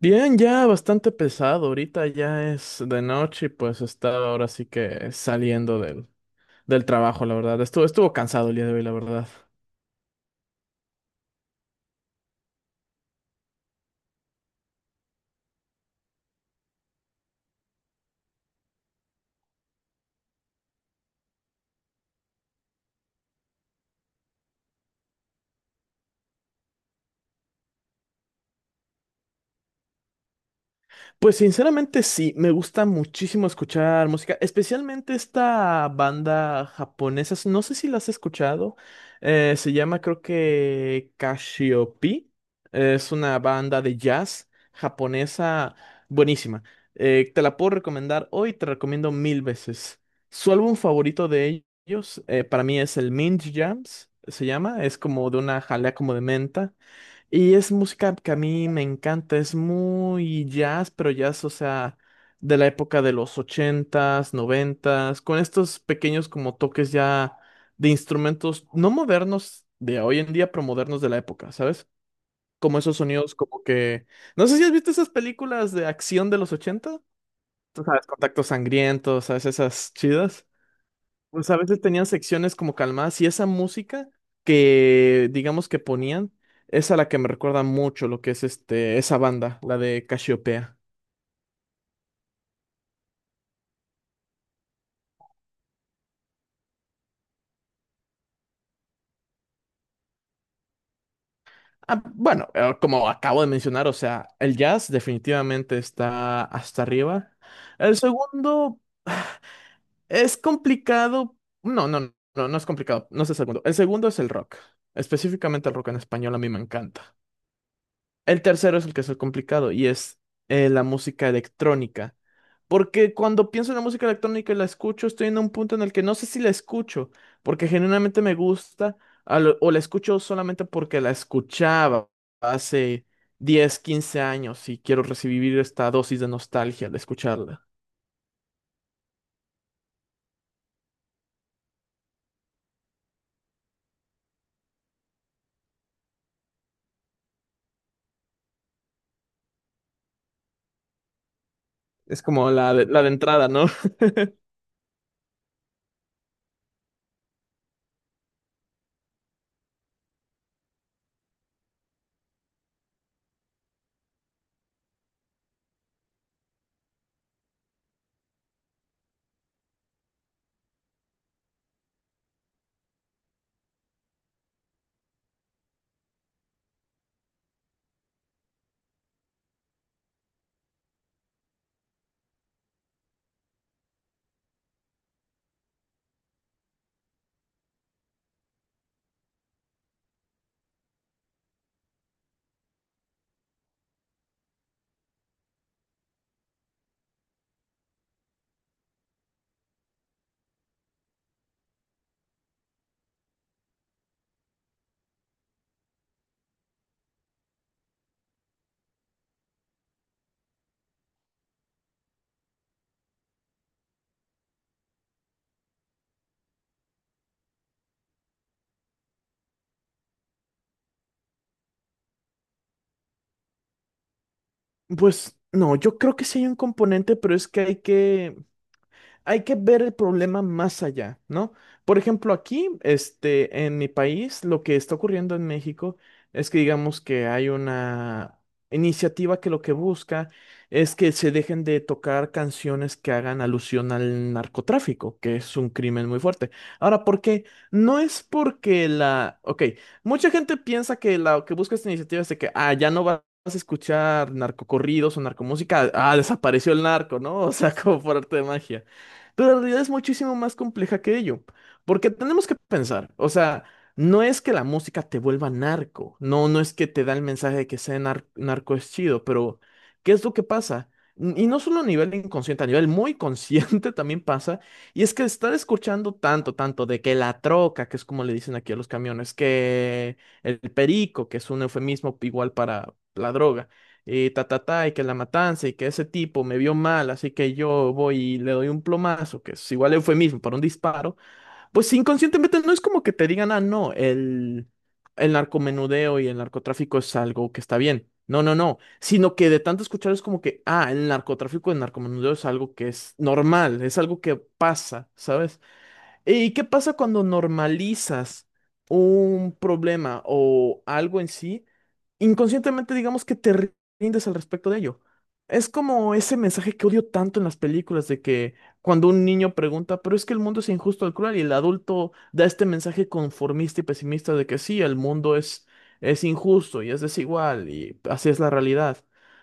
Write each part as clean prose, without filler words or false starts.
Bien, ya bastante pesado. Ahorita ya es de noche y pues estaba ahora sí que saliendo del trabajo, la verdad. Estuvo cansado el día de hoy, la verdad. Pues sinceramente sí, me gusta muchísimo escuchar música, especialmente esta banda japonesa, no sé si la has escuchado, se llama creo que Cassiope, es una banda de jazz japonesa buenísima, te la puedo recomendar hoy, te recomiendo mil veces. Su álbum favorito de ellos para mí es el Mint Jams, se llama, es como de una jalea como de menta. Y es música que a mí me encanta, es muy jazz, pero jazz, o sea, de la época de los ochentas, noventas, con estos pequeños como toques ya de instrumentos no modernos de hoy en día, pero modernos de la época, ¿sabes? Como esos sonidos como que... No sé si has visto esas películas de acción de los ochenta, tú sabes, Contacto Sangriento, ¿sabes? Esas chidas. Pues a veces tenían secciones como calmadas y esa música que digamos que ponían es a la que me recuerda mucho lo que es este esa banda, la de Casiopea. Ah, bueno, como acabo de mencionar, o sea, el jazz definitivamente está hasta arriba. El segundo es complicado. No, no, no es complicado. No es el segundo. El segundo es el rock. Específicamente el rock en español a mí me encanta. El tercero es el que es el complicado y es la música electrónica. Porque cuando pienso en la música electrónica y la escucho, estoy en un punto en el que no sé si la escucho, porque genuinamente me gusta, o la escucho solamente porque la escuchaba hace 10 15 años y quiero recibir esta dosis de nostalgia al escucharla. Es como la de entrada, ¿no? Pues no, yo creo que sí hay un componente, pero es que hay que ver el problema más allá, ¿no? Por ejemplo, aquí, este, en mi país, lo que está ocurriendo en México es que digamos que hay una iniciativa que lo que busca es que se dejen de tocar canciones que hagan alusión al narcotráfico, que es un crimen muy fuerte. Ahora, ¿por qué? No es porque la... Ok, mucha gente piensa que la que busca esta iniciativa es de que, ah, ya no va vas a escuchar narcocorridos o narcomúsica, ah, desapareció el narco, ¿no? O sea, como por arte de magia. Pero la realidad es muchísimo más compleja que ello, porque tenemos que pensar, o sea, no es que la música te vuelva narco, no, no es que te da el mensaje de que ser narco es chido, pero ¿qué es lo que pasa? Y no solo a nivel inconsciente, a nivel muy consciente también pasa, y es que estar escuchando tanto, tanto de que la troca, que es como le dicen aquí a los camiones, que el perico, que es un eufemismo igual para la droga y ta, ta, ta, y que la matanza, y que ese tipo me vio mal, así que yo voy y le doy un plomazo, que es igual eufemismo para un disparo, pues inconscientemente no es como que te digan, ah, no, el narcomenudeo y el narcotráfico es algo que está bien. No, no, no, sino que de tanto escuchar es como que, ah, el narcotráfico, el narcomenudeo es algo que es normal, es algo que pasa, ¿sabes? ¿Y qué pasa cuando normalizas un problema o algo en sí? Inconscientemente digamos que te rindes al respecto de ello. Es como ese mensaje que odio tanto en las películas de que cuando un niño pregunta, pero es que el mundo es injusto y cruel, y el adulto da este mensaje conformista y pesimista de que sí, es injusto y es desigual y así es la realidad.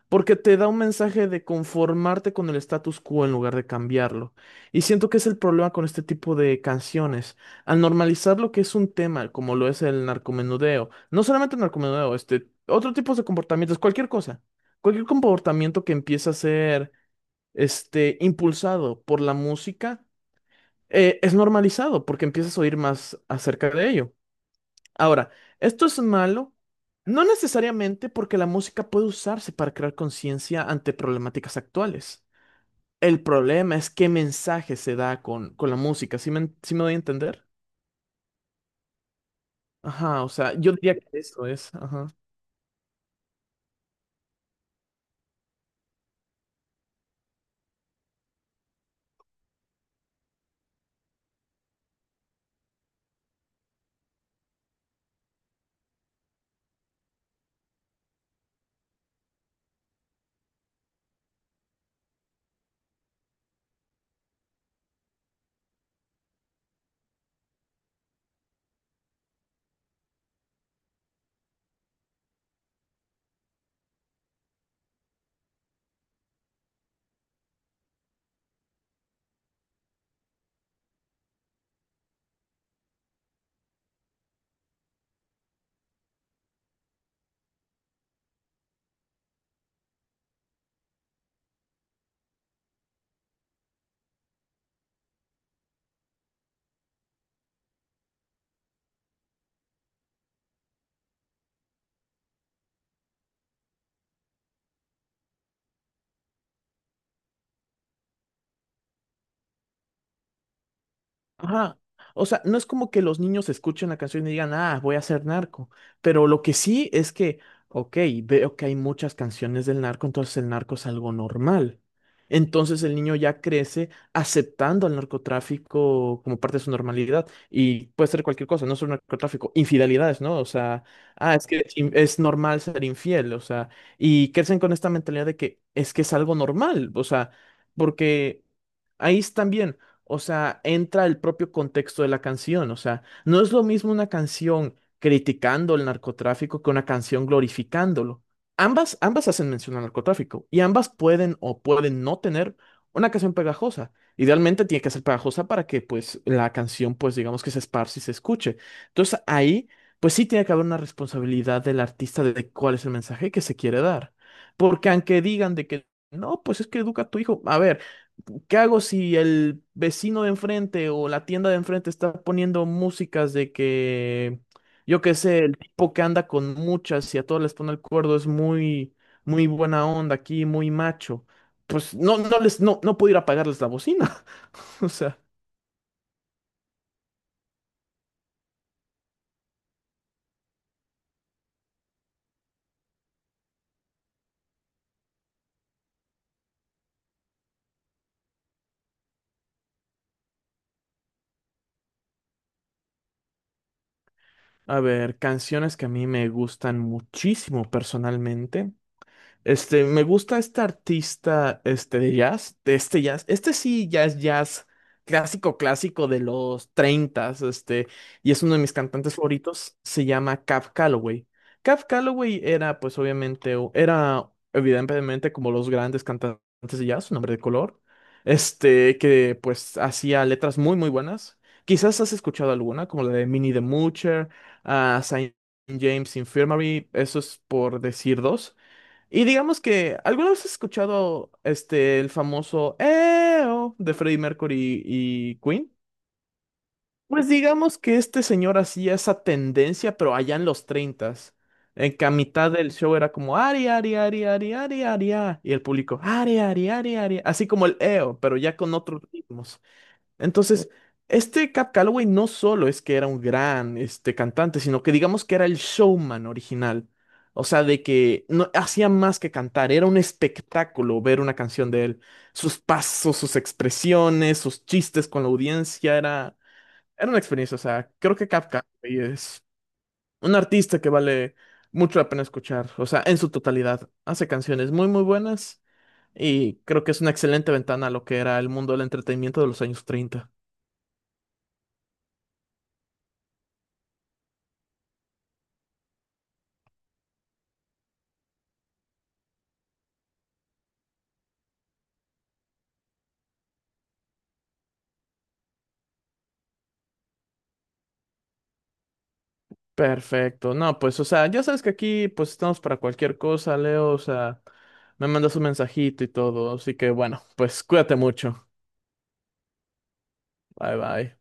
Porque te da un mensaje de conformarte con el status quo en lugar de cambiarlo. Y siento que es el problema con este tipo de canciones. Al normalizar lo que es un tema, como lo es el narcomenudeo, no solamente el narcomenudeo, este, otro tipo de comportamientos, cualquier cosa, cualquier comportamiento que empieza a ser, este, impulsado por la música, es normalizado porque empiezas a oír más acerca de ello. Ahora, esto es malo, no necesariamente porque la música puede usarse para crear conciencia ante problemáticas actuales. El problema es qué mensaje se da con la música. ¿Sí me doy a entender? Ajá, o sea, yo diría que eso es. Ajá. Ajá. O sea, no es como que los niños escuchen la canción y digan, ah, voy a ser narco. Pero lo que sí es que, ok, veo que hay muchas canciones del narco, entonces el narco es algo normal. Entonces el niño ya crece aceptando al narcotráfico como parte de su normalidad. Y puede ser cualquier cosa, no solo narcotráfico, infidelidades, ¿no? O sea, ah, es que es normal ser infiel, o sea, y crecen con esta mentalidad de que es algo normal, o sea, porque ahí es también o sea, entra el propio contexto de la canción. O sea, no es lo mismo una canción criticando el narcotráfico que una canción glorificándolo. Ambas hacen mención al narcotráfico y ambas pueden o pueden no tener una canción pegajosa. Idealmente tiene que ser pegajosa para que pues la canción pues digamos que se esparce y se escuche. Entonces ahí pues sí tiene que haber una responsabilidad del artista de cuál es el mensaje que se quiere dar. Porque aunque digan de que no, pues es que educa a tu hijo. A ver. ¿Qué hago si el vecino de enfrente o la tienda de enfrente está poniendo músicas de que, yo qué sé, el tipo que anda con muchas y a todos les pone el cuerdo es muy, muy buena onda aquí, muy macho? Pues no, no les, no, no puedo ir a apagarles la bocina. O sea, a ver, canciones que a mí me gustan muchísimo personalmente. Este, me gusta este artista, este, de jazz, de este jazz, este sí ya es jazz clásico, clásico de los treintas este, y es uno de mis cantantes favoritos, se llama Cab Calloway. Cab Calloway era, pues, obviamente, era, evidentemente, como los grandes cantantes de jazz, un hombre de color, este, que, pues, hacía letras muy, muy buenas. Quizás has escuchado alguna, como la de Minnie the Moocher, a Saint James Infirmary, eso es por decir dos. Y digamos que, ¿alguna vez has escuchado este el famoso EO de Freddie Mercury y Queen? Pues digamos que este señor hacía esa tendencia, pero allá en los 30. En que a mitad del show era como Ari, Ari, Ari, Ari, Ari, Ari, ah", y el público Ari, Ari, Ari, Ari, así como el EO, pero ya con otros ritmos. Entonces, este Cap Calloway no solo es que era un gran este, cantante, sino que digamos que era el showman original. O sea, de que no hacía más que cantar, era un espectáculo ver una canción de él. Sus pasos, sus expresiones, sus chistes con la audiencia, era una experiencia. O sea, creo que Cap Calloway es un artista que vale mucho la pena escuchar. O sea, en su totalidad, hace canciones muy, muy buenas y creo que es una excelente ventana a lo que era el mundo del entretenimiento de los años 30. Perfecto. No, pues, o sea, ya sabes que aquí, pues, estamos para cualquier cosa, Leo. O sea, me mandas un mensajito y todo. Así que, bueno, pues, cuídate mucho. Bye, bye.